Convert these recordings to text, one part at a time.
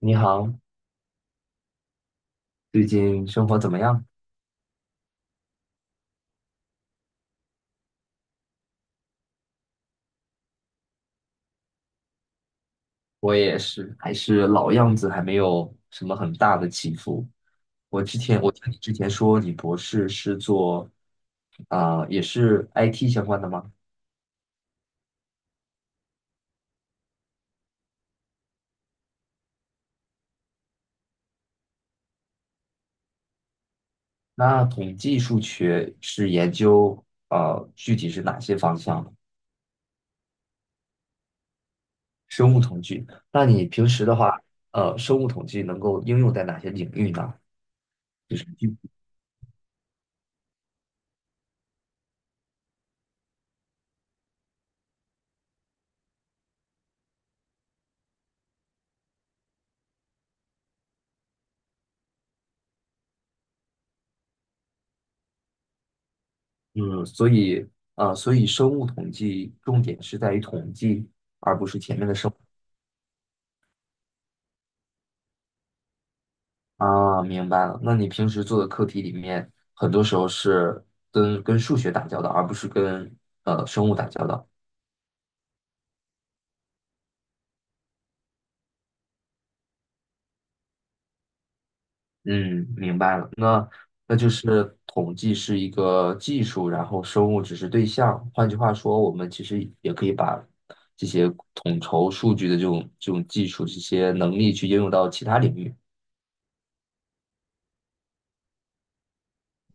你好，最近生活怎么样？我也是，还是老样子，还没有什么很大的起伏。我之前，我听你之前说你博士是做也是 IT 相关的吗？那统计数学是研究具体是哪些方向的生物统计。那你平时的话，生物统计能够应用在哪些领域呢？就是，嗯，所以，所以生物统计重点是在于统计。啊，明白了。那你平时做的课题里面，很多时候是跟数学打交道，而不是跟生物打交道。嗯，明白了。那那就是统计是一个技术，然后生物只是对象。换句话说，我们其实也可以把这些统筹数据的这种技术、这些能力去应用到其他领域。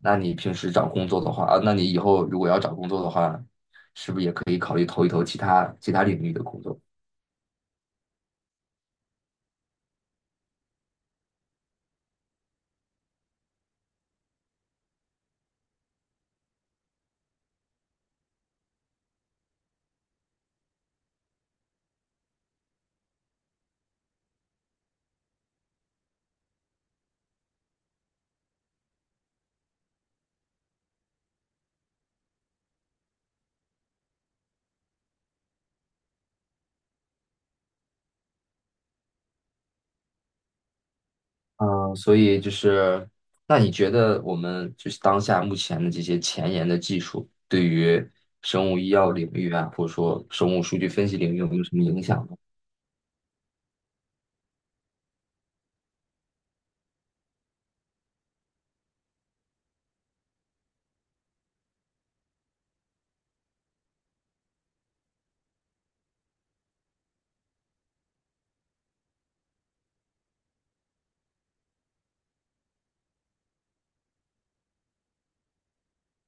那你平时找工作的话，啊，那你以后如果要找工作的话，是不是也可以考虑投一投其他领域的工作？嗯，所以就是，那你觉得我们就是当下目前的这些前沿的技术，对于生物医药领域啊，或者说生物数据分析领域有没有什么影响呢？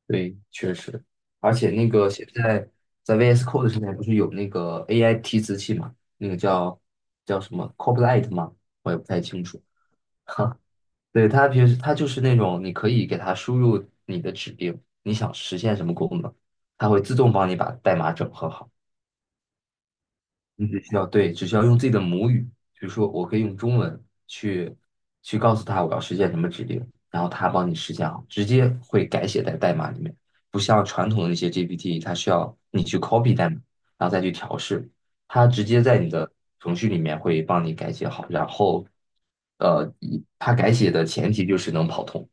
对，确实，而且那个现在在 VS Code 上面不是有那个 AI 提词器嘛，那个叫什么 Copilot 吗？我也不太清楚。哈，对，它平时它就是那种你可以给它输入你的指令，你想实现什么功能，它会自动帮你把代码整合好。你只需要对，只需要用自己的母语，比如说我可以用中文去告诉他我要实现什么指令，然后他帮你实现好，直接会改写在代码里面，不像传统的那些 GPT，它需要你去 copy 代码，然后再去调试，它直接在你的程序里面会帮你改写好，然后一它改写的前提就是能跑通。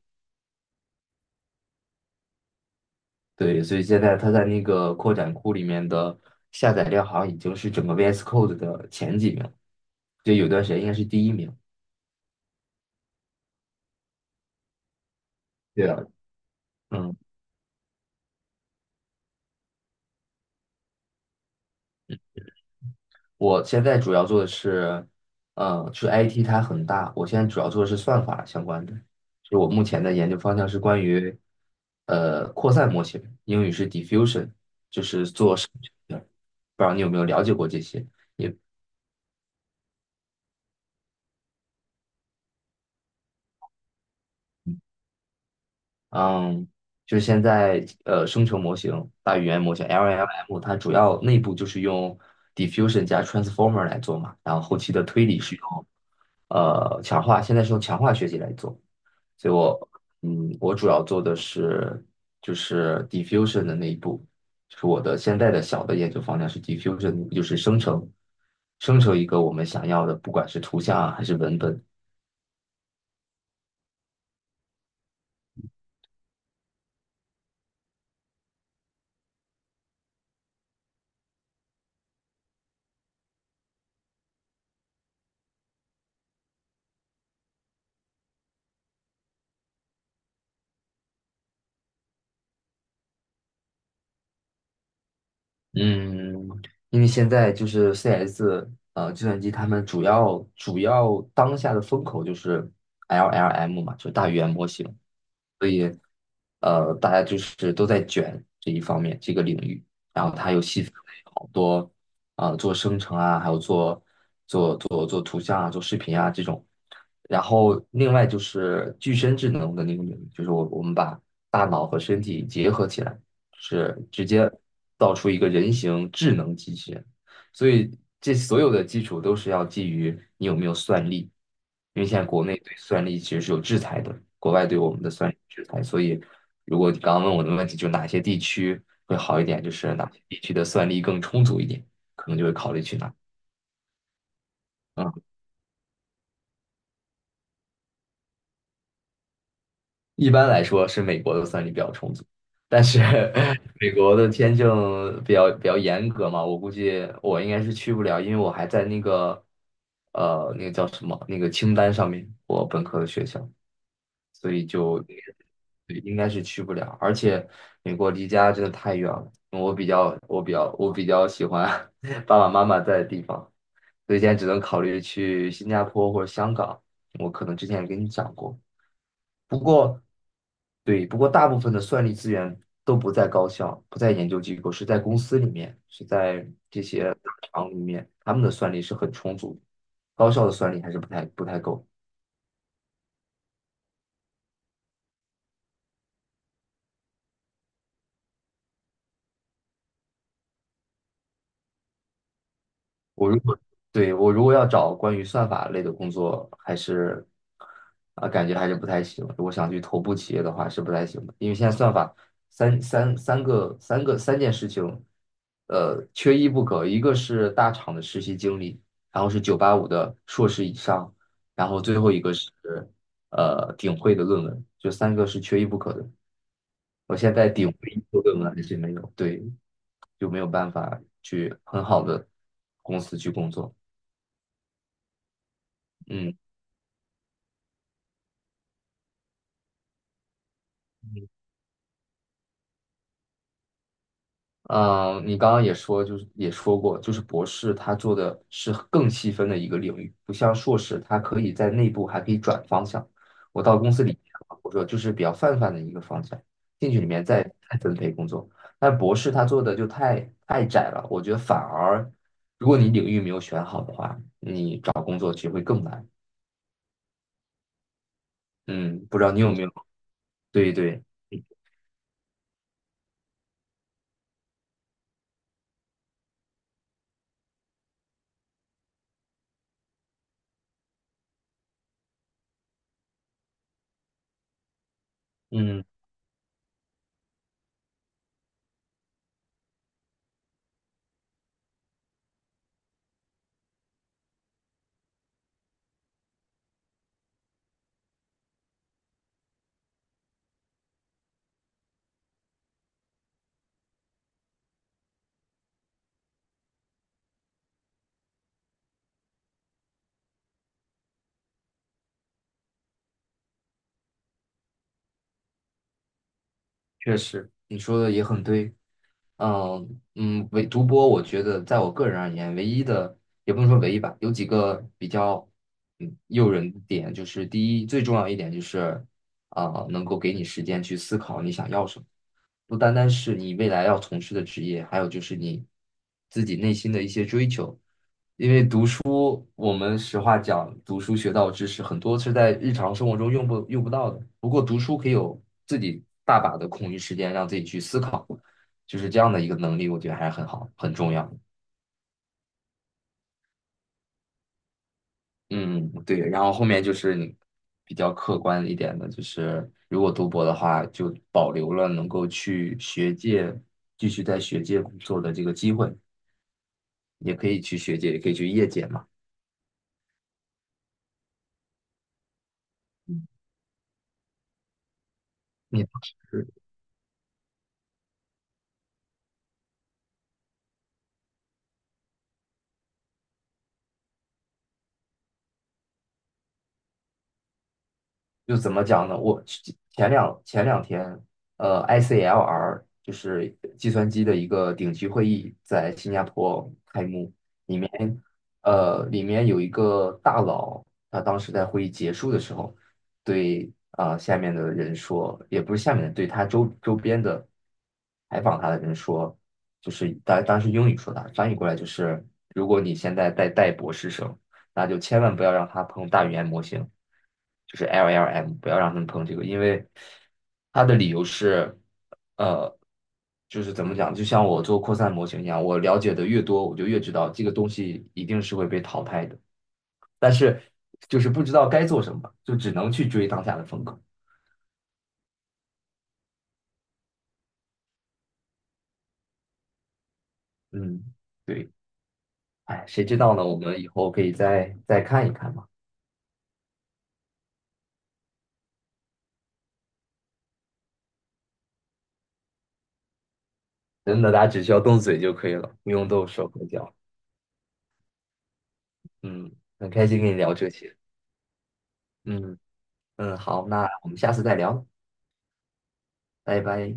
对，所以现在它在那个扩展库里面的下载量好像已经是整个 VS Code 的前几名，就有段时间应该是第一名。对啊，嗯，我现在主要做的是，就 IT 它很大，我现在主要做的是算法相关的，就是我目前的研究方向是关于，扩散模型，英语是 diffusion，就是做生成的不知道你有没有了解过这些？嗯，就是现在生成模型、大语言模型（ （LLM），它主要内部就是用 diffusion 加 transformer 来做嘛，然后后期的推理是用强化，现在是用强化学习来做。所以我嗯，我主要做的是就是 diffusion 的那一步，就是我的现在的小的研究方向是 diffusion，就是生成一个我们想要的，不管是图像啊还是文本。嗯，因为现在就是 CS 计算机他们主要当下的风口就是 LLM 嘛，就大语言模型，大家就是都在卷这一方面这个领域，然后它又细分为好多做生成啊，还有做做图像啊，做视频啊这种，然后另外就是具身智能的那个领域，就是我们把大脑和身体结合起来，是直接造出一个人形智能机器人。所以这所有的基础都是要基于你有没有算力，因为现在国内对算力其实是有制裁的，国外对我们的算力制裁。所以，如果你刚刚问我的问题，就是哪些地区会好一点，就是哪些地区的算力更充足一点，可能就会考虑去哪。嗯，一般来说是美国的算力比较充足，但是 美国的签证比较严格嘛，我估计我应该是去不了，因为我还在那个那个叫什么那个清单上面，我本科的学校。所以就对应该是去不了。而且美国离家真的太远了，我比较喜欢 爸爸妈妈在的地方，所以现在只能考虑去新加坡或者香港。我可能之前也跟你讲过，不过对，不过大部分的算力资源都不在高校，不在研究机构，是在公司里面，是在这些大厂里面，他们的算力是很充足的，高校的算力还是不太够。我如果对我如果要找关于算法类的工作，还是感觉还是不太行。如果想去头部企业的话，是不太行的，因为现在算法三件事情，缺一不可。一个是大厂的实习经历，然后是九八五的硕士以上，然后最后一个是顶会的论文，就三个是缺一不可的。我现在顶会一个论文还是没有，对，就没有办法去很好的公司去工作。嗯嗯，你刚刚也说，就是也说过，就是博士他做的是更细分的一个领域，不像硕士，他可以在内部还可以转方向。我到公司里面，我说就是比较泛泛的一个方向，进去里面再分配工作。但博士他做的就太窄了，我觉得反而如果你领域没有选好的话，你找工作其实会更难。嗯，不知道你有没有？对对，嗯，确实，你说的也很对。嗯嗯，唯独播，我觉得在我个人而言，唯一的也不能说唯一吧，有几个比较诱人的点，就是第一，最重要一点就是，能够给你时间去思考你想要什么，不单单是你未来要从事的职业，还有就是你自己内心的一些追求。我们实话讲，读书学到的知识很多是在日常生活中不用不到的。不过读书可以有自己大把的空余时间，让自己去思考，就是这样的一个能力，我觉得还是很好，很重要。嗯，对。然后后面就是你比较客观一点的，就是如果读博的话，就保留了能够去学界继续在学界工作的这个机会，也可以去学界，也可以去业界嘛。嗯你当时就怎么讲呢？我前两天，呃，ICLR 就是计算机的一个顶级会议在新加坡开幕，面，里面有一个大佬，他当时在会议结束的时候，对啊、下面的人说，也不是下面的，对他周边的采访他的人说，就是当时英语说的，翻译过来就是，如果你现在在带博士生，那就千万不要让他碰大语言模型，就是 LLM，不要让他们碰这个，因为他的理由是。呃，就是怎么讲，就像我做扩散模型一样，我了解的越多，我就越知道这个东西一定是会被淘汰的。但是就是不知道该做什么，就只能去追当下的风口。嗯，对，哎，谁知道呢？我们以后可以再看一看嘛。真的，大家只需要动嘴就可以了，不用动手和脚。嗯，很开心跟你聊这些。嗯嗯，好，那我们下次再聊，拜拜。